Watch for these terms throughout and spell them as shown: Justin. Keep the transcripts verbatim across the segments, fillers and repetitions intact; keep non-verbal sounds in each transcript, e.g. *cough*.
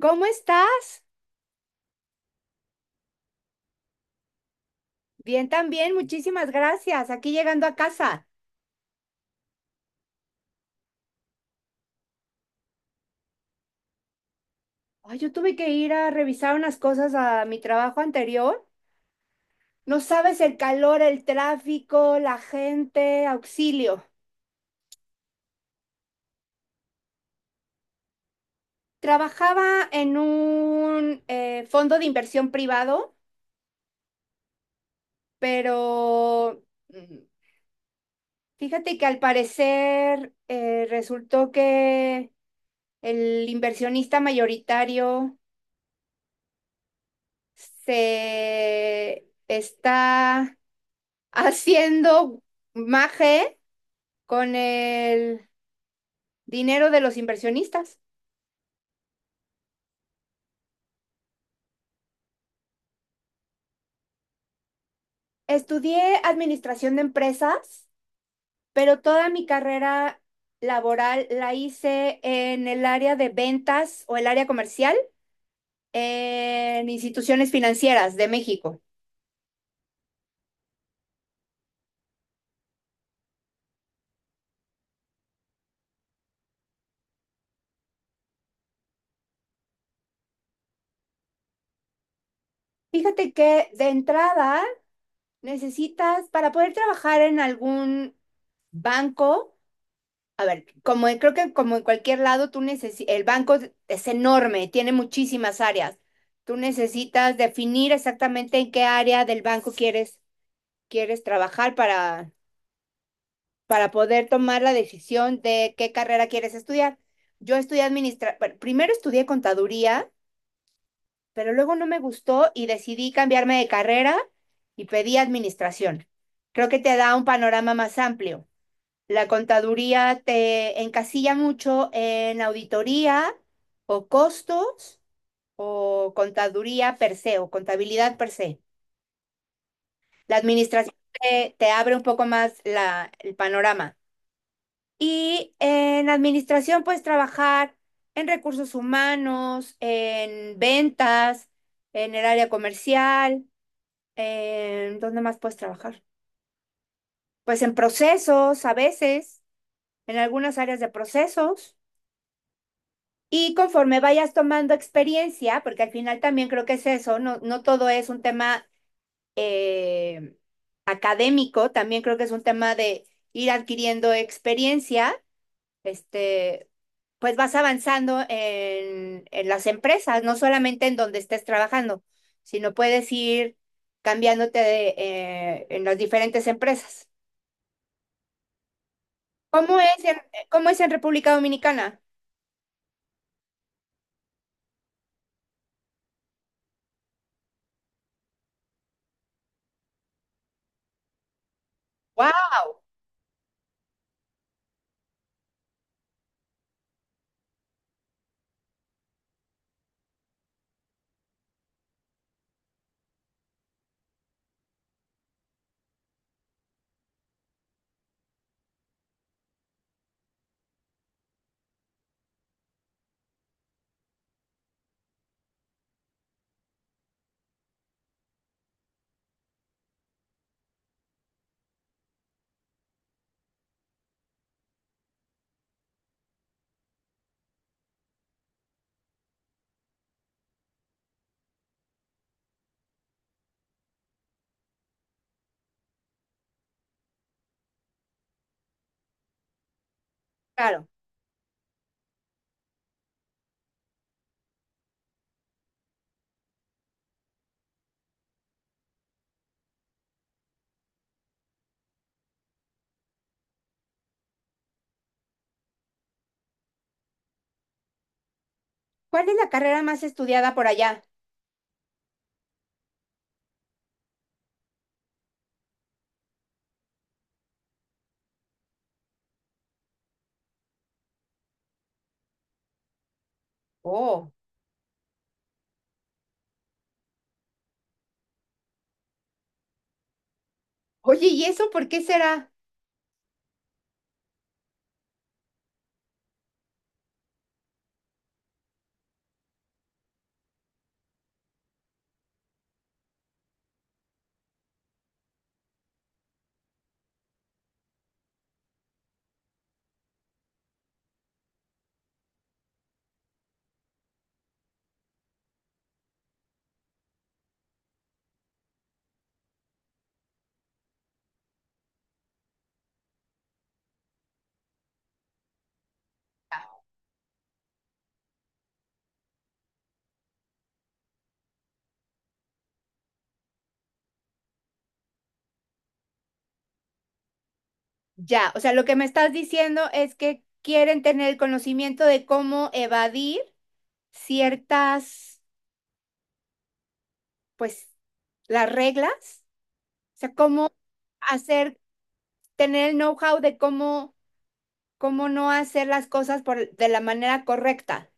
¿Cómo estás? Bien también, muchísimas gracias. Aquí llegando a casa. Ay, yo tuve que ir a revisar unas cosas a mi trabajo anterior. No sabes el calor, el tráfico, la gente, auxilio. Trabajaba en un eh, fondo de inversión privado, pero mm, fíjate que al parecer eh, resultó que el inversionista mayoritario se está haciendo maje con el dinero de los inversionistas. Estudié administración de empresas, pero toda mi carrera laboral la hice en el área de ventas o el área comercial en instituciones financieras de México. Fíjate que de entrada necesitas, para poder trabajar en algún banco, a ver, como en- creo que como en cualquier lado, tú necesi- el banco es enorme, tiene muchísimas áreas. Tú necesitas definir exactamente en qué área del banco quieres, quieres trabajar para, para poder tomar la decisión de qué carrera quieres estudiar. Yo estudié administra, bueno, primero estudié contaduría, pero luego no me gustó y decidí cambiarme de carrera y pedí administración. Creo que te da un panorama más amplio. La contaduría te encasilla mucho en auditoría o costos o contaduría per se o contabilidad per se. La administración te, te abre un poco más la- el panorama. Y en administración puedes trabajar en recursos humanos, en ventas, en el área comercial, ¿en dónde más puedes trabajar? Pues en procesos a veces, en algunas áreas de procesos. Y conforme vayas tomando experiencia, porque al final también creo que es eso, no, no todo es un tema eh, académico, también creo que es un tema de ir adquiriendo experiencia, este, pues vas avanzando en, en las empresas, no solamente en donde estés trabajando, sino puedes ir cambiándote de, eh, en las diferentes empresas. ¿Cómo es en, ¿cómo es en República Dominicana? ¡Wow! Claro. ¿Cuál es la carrera más estudiada por allá? Oh. Oye, ¿y eso por qué será? Ya, o sea, lo que me estás diciendo es que quieren tener el conocimiento de cómo evadir ciertas, pues, las reglas, o sea, cómo hacer, tener el know-how de cómo, cómo no hacer las cosas por, de la manera correcta.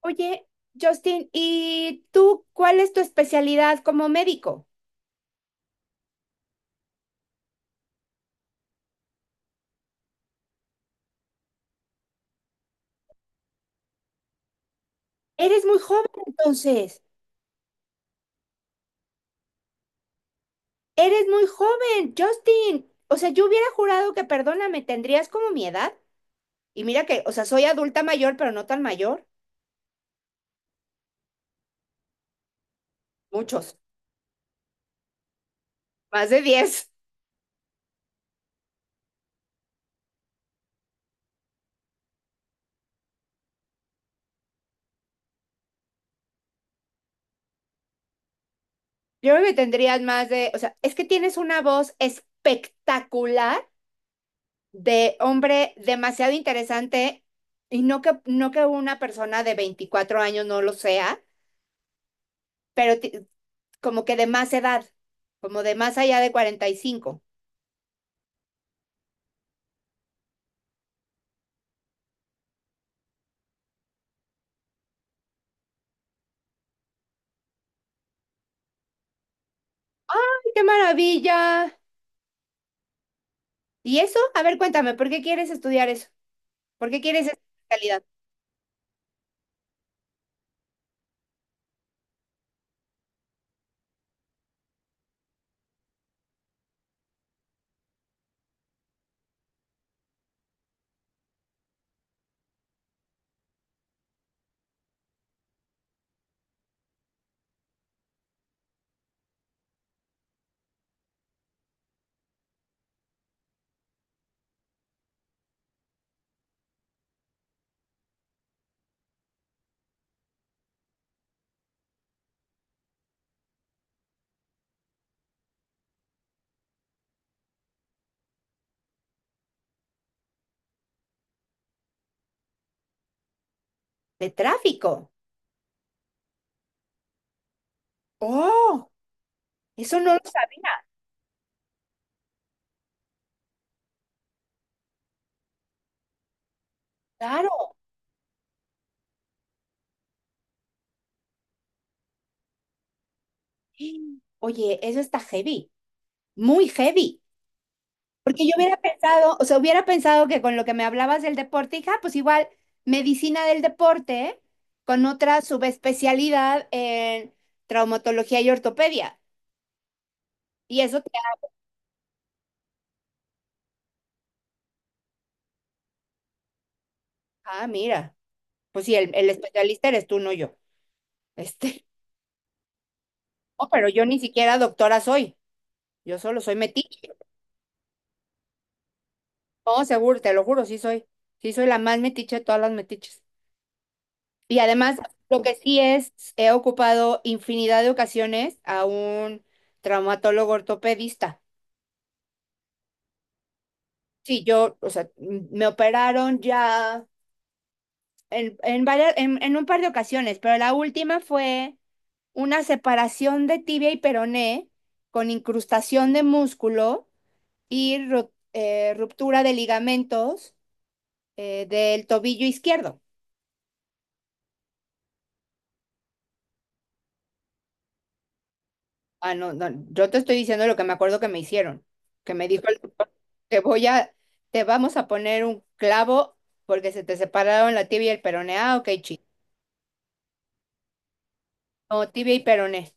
Oye, Justin, ¿y tú cuál es tu especialidad como médico? Eres muy joven, entonces. Eres muy joven, Justin. O sea, yo hubiera jurado que, perdóname, tendrías como mi edad. Y mira que, o sea, soy adulta mayor, pero no tan mayor. Muchos, más de diez. Yo creo que tendrías más de, o sea, es que tienes una voz espectacular de hombre demasiado interesante y no que, no que una persona de veinticuatro años no lo sea, pero ti- como que de más edad, como de más allá de cuarenta y cinco. ¡Ay, ¡Qué maravilla! ¿Y eso? A ver, cuéntame, ¿por qué quieres estudiar eso? ¿Por qué quieres esa calidad? De tráfico. Oh, eso no lo sabía. Claro. Oye, eso está heavy, muy heavy. Porque yo hubiera pensado, o sea, hubiera pensado que con lo que me hablabas del deporte, hija, pues igual medicina del deporte con otra subespecialidad en traumatología y ortopedia. Y eso te, ah, mira, pues sí, el, el especialista eres tú, no yo. Este, *laughs* no, pero yo ni siquiera doctora soy. Yo solo soy metiche. No, seguro, te lo juro, sí soy. Sí soy la más metiche de todas las metiches. Y además, lo que sí es, he ocupado infinidad de ocasiones a un traumatólogo ortopedista. Sí, yo, o sea, m- me operaron ya en, en varias, en, en un par de ocasiones, pero la última fue una separación de tibia y peroné con incrustación de músculo y ru- eh, ruptura de ligamentos eh, del tobillo izquierdo. Ah, no, no, yo te estoy diciendo lo que me acuerdo que me hicieron, que me dijo el doctor, te voy a, te vamos a poner un clavo porque se te separaron la tibia y el peroné. Ah, ok, chico. No, tibia y peroné.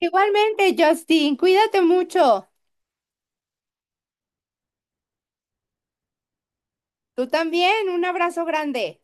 Igualmente, Justin, cuídate mucho. Tú también, un abrazo grande.